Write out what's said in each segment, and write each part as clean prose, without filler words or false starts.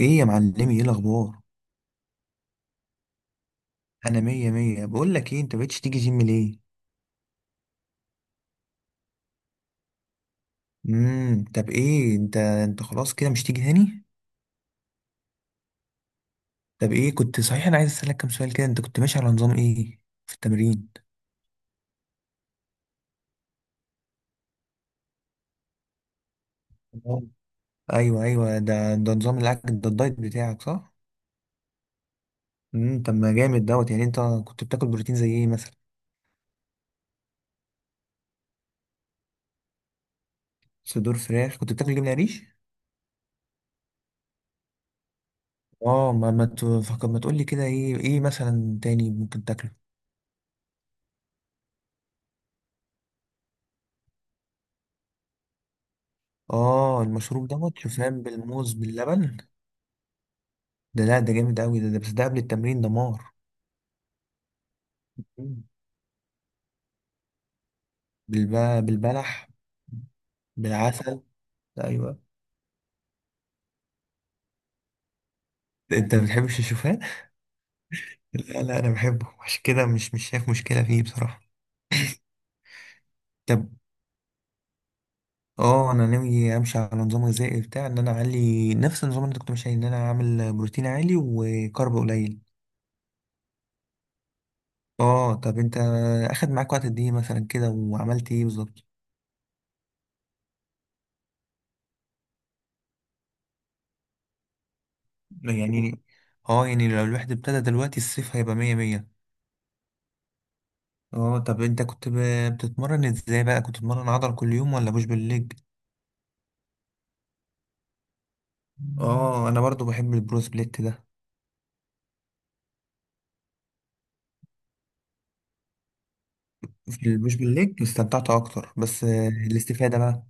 ايه يا معلمي، ايه الاخبار؟ انا مية مية. بقول لك ايه، انت مبقتش تيجي جيم ليه؟ طب ايه انت خلاص كده مش تيجي تاني؟ طب ايه، كنت صحيح انا عايز اسالك كام سؤال كده. انت كنت ماشي على نظام ايه في التمرين؟ تمام. ايوه ايوه، ده نظام الاكل ده، الدايت بتاعك، صح؟ طب ما جامد دوت. يعني انت كنت بتاكل بروتين زي ايه مثلا؟ صدور فراخ. كنت بتاكل جبنه قريش؟ اه، ما تفكر، ما تقول لي كده ايه مثلا تاني ممكن تاكله؟ اه، المشروب دوت شوفان بالموز باللبن. ده لا، ده جامد قوي ده، ده بس ده قبل التمرين دمار. مم. بالب... بالبلح، بالعسل. ايوه، انت ما بتحبش الشوفان؟ لا لا، انا بحبه، عشان كده مش شايف مشكله فيه بصراحه. طب اه، انا ناوي امشي على نظام غذائي بتاع ان انا اعلي نفس النظام اللي انت كنت ماشي عليه، ان انا اعمل بروتين عالي وكارب قليل. اه طب انت اخد معاك وقت قد ايه مثلا كده، وعملت ايه بالظبط؟ يعني اه، يعني لو الواحد ابتدى دلوقتي الصيف هيبقى مية مية. اه طب انت كنت بتتمرن ازاي بقى؟ كنت بتتمرن عضل كل يوم ولا بوش بالليج؟ اه، انا برضو بحب البرو سبليت ده. في البوش بالليج استمتعت اكتر، بس الاستفادة بقى؟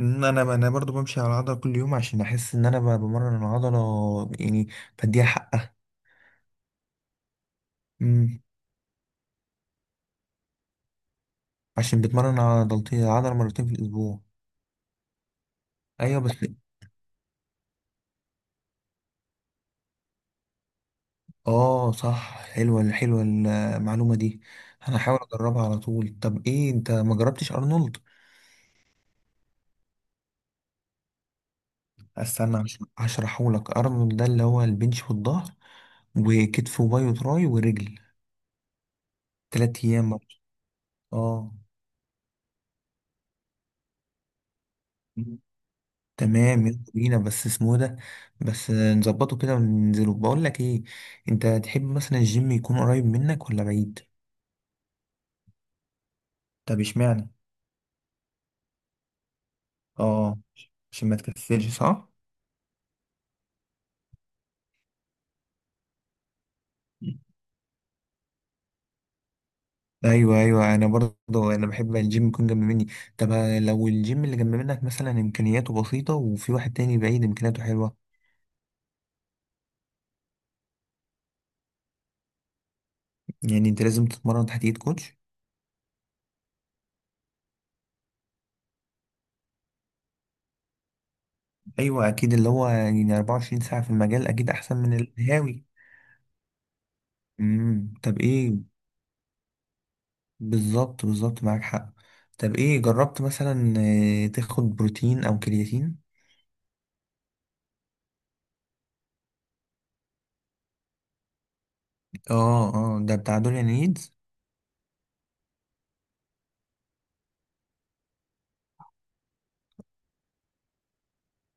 ان انا برضو بمشي على العضله كل يوم عشان احس ان انا بمرن العضله، يعني بديها حقها. امم عشان بتمرن عضلتين، العضله مرتين في الاسبوع. ايوه بس. اه صح، حلوه حلوه المعلومه دي. انا هحاول اجربها على طول. طب ايه، انت ما جربتش ارنولد؟ استنى، هشرحه لك. ارنولد ده اللي هو البنش والظهر، وكتف وباي وتراي ورجل، تلات ايام برضه. اه، تمام يلا بينا. بس اسمه إيه ده؟ بس نظبطه كده وننزله. بقول لك ايه، انت تحب مثلا الجيم يكون قريب منك ولا بعيد؟ طب اشمعنى؟ اه، عشان ما تكسلش صح؟ ايوه ايوه، انا برضه انا بحب الجيم يكون جنب مني. طب لو الجيم اللي جنب منك مثلا امكانياته بسيطه، وفي واحد تاني بعيد امكانياته حلوه؟ يعني انت لازم تتمرن تحت ايد كوتش؟ ايوه اكيد، اللي هو يعني 24 ساعه في المجال اكيد احسن من الهاوي. طب ايه، بالظبط بالظبط معاك حق. طب ايه، جربت مثلا تاخد بروتين او كرياتين؟ اه اه، ده بتاع دوليان نيدز.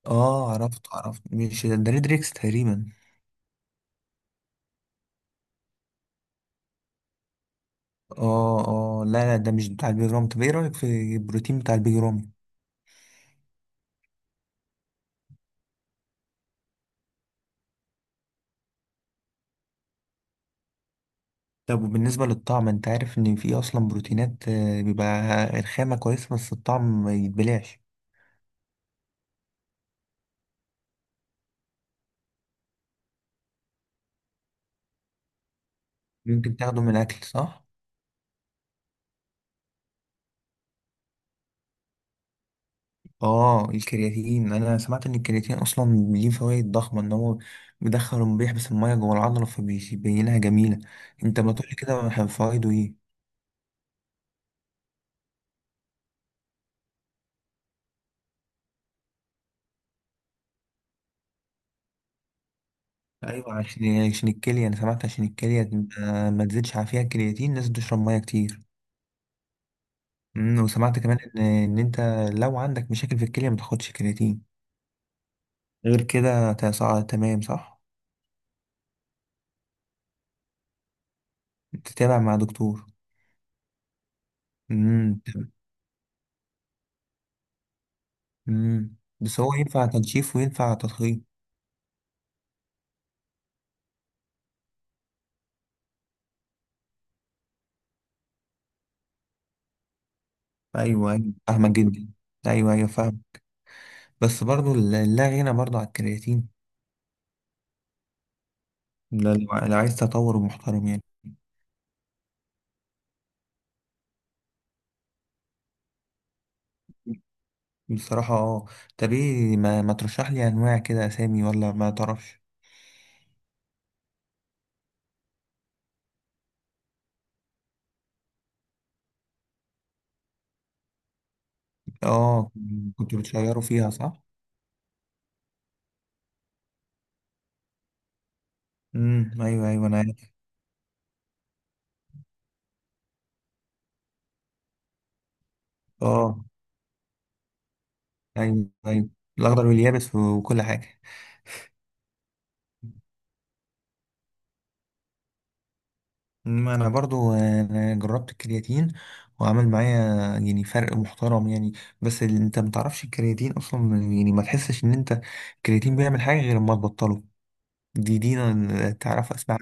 اه، عرفت عرفت، مش ده ريدريكس تقريبا؟ اه اه، لا لا، ده مش بتاع البيج رامي. طب ايه رايك في البروتين بتاع البيج رامي؟ طب وبالنسبه للطعم، انت عارف ان في اصلا بروتينات بيبقى الخامه كويسه بس الطعم ما يتبلعش؟ ممكن تاخده من الاكل صح. اه الكرياتين، انا سمعت ان الكرياتين اصلا ليه فوائد ضخمه، ان هو بيدخل وبيحبس الميه جوه العضله فبيبينها جميله. انت ما تقولي كده، فوائده ايه؟ ايوه، عشان يعني، عشان الكليه، انا سمعت عشان الكليه ما تزيدش على فيها الكرياتين لازم تشرب ميه كتير. وسمعت كمان ان انت لو عندك مشاكل في الكليه ما تاخدش كرياتين. غير كده تمام صح. تتابع مع دكتور. امم. امم، بس هو ينفع تنشيف وينفع تضخيم؟ ايوه ايوه، فاهمك جدا. ايوه ايوه، فاهم. بس برضو لا غنى برضو على الكرياتين. لو عايز تطور محترم يعني. بصراحة اه. طب ايه، ما ترشح لي انواع كده اسامي، ولا ما تعرفش؟ اه، كنت بتشيروا فيها صح. ايوه ايوه، انا عارف. اه ايوه ايوه، الاخضر واليابس وكل حاجة. ما انا برضو أنا جربت الكرياتين وعمل معايا يعني فرق محترم يعني. بس انت ما تعرفش الكرياتين اصلا، يعني ما تحسش ان انت، الكرياتين بيعمل حاجه غير لما تبطله. دي أنا تعرف اسمع.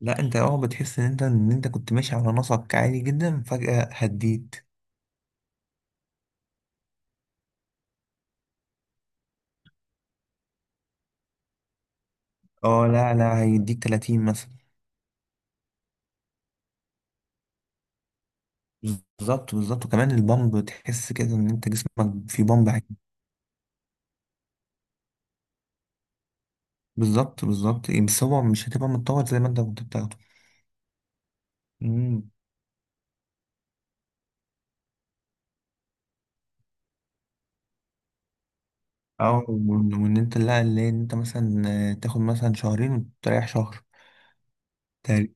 لا انت، بتحس ان انت، ان انت كنت ماشي على نسق عالي جدا فجاه هديت. اه لا لا، هيديك 30 مثلا. بالظبط بالظبط، وكمان البامب، تحس كده ان انت جسمك في بامب عالي. بالظبط بالظبط، بس هو مش هتبقى متطور زي ما انت كنت بتاخده. مم. او وان، وإن انت، لا، اللي إن انت مثلا تاخد مثلا شهرين وتريح شهر تقريبا.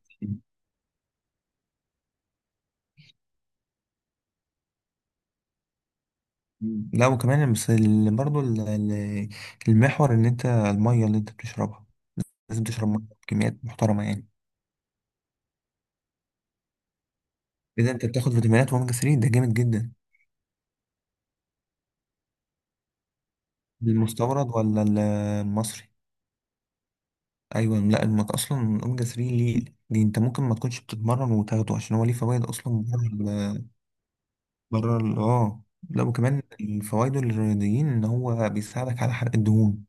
لا وكمان بس برضو المحور ان انت المية اللي انت بتشربها لازم تشرب مية بكميات محترمة يعني. كده انت بتاخد فيتامينات واوميجا 3، ده جامد جدا. المستورد ولا المصري؟ ايوه، لا المك اصلا الاوميجا 3 ليه، دي انت ممكن ما تكونش بتتمرن وتاخده، عشان هو ليه فوائد اصلا بره بره لا وكمان، فوائده الرياضيين ان هو بيساعدك على حرق الدهون.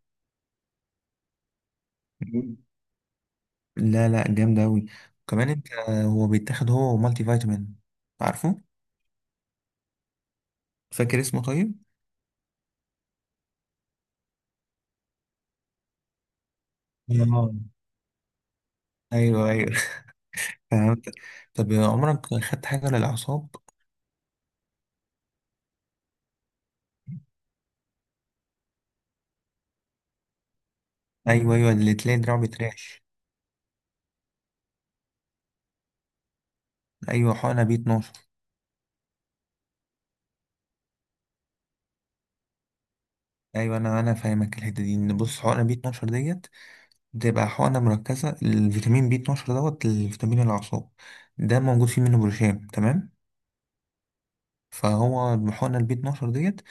لا لا، جامدة أوي. كمان أنت، هو بيتاخد، هو مالتي فيتامين. عارفه؟ فاكر اسمه طيب؟ اه، أيوه أيوه. فهمت. طب عمرك خدت حاجة للأعصاب؟ أيوه أيوه، اللي تلاقي دراعه بيترعش. أيوه، حقنة بي 12. أيوه، أنا فاهمك الحتة دي. إن بص، حقنة بي 12 ديت بتبقى حقنة مركزة. الفيتامين بي 12 دوت الفيتامين الأعصاب ده موجود فيه منه بروشام تمام؟ فهو الحقنة البي 12 ديت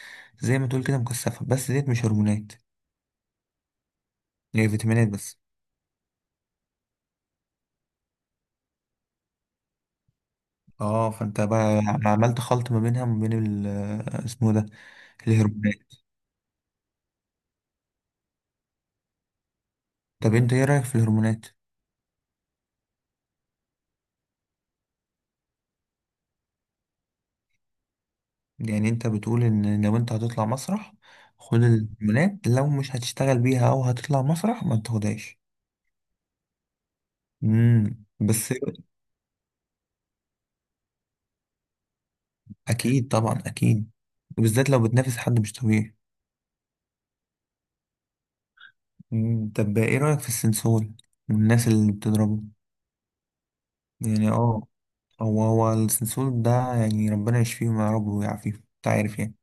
زي ما تقول كده مكثفة، بس ديت مش هرمونات، هي فيتامينات بس. اه فانت بقى عملت خلط ما بينها وما بين اسمه ده، الهرمونات. طب انت ايه رأيك في الهرمونات؟ يعني انت بتقول ان لو انت هتطلع مسرح خد الهرمونات، لو مش هتشتغل بيها او هتطلع مسرح ما تاخدهاش؟ بس، اكيد طبعا اكيد، وبالذات لو بتنافس حد مش طبيعي. مم. طب ايه رأيك في السنسول والناس اللي بتضربه؟ يعني اه، هو السنسول ده يعني ربنا يشفيهم يا رب ويعافيهم، انت عارف يعني.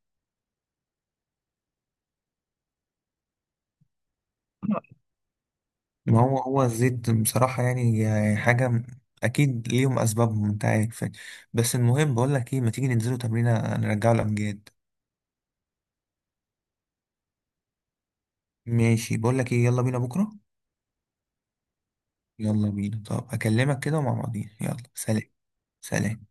ما هو الزيت بصراحة يعني حاجة أكيد ليهم أسبابهم أنت عارف يعني. بس المهم، بقول لك إيه، ما تيجي ننزلوا تمرينة نرجعوا الأمجاد؟ ماشي، بقول لك إيه، يلا بينا بكرة. يلا بينا. طب أكلمك كده ومع بعضين، يلا سلام. سلام.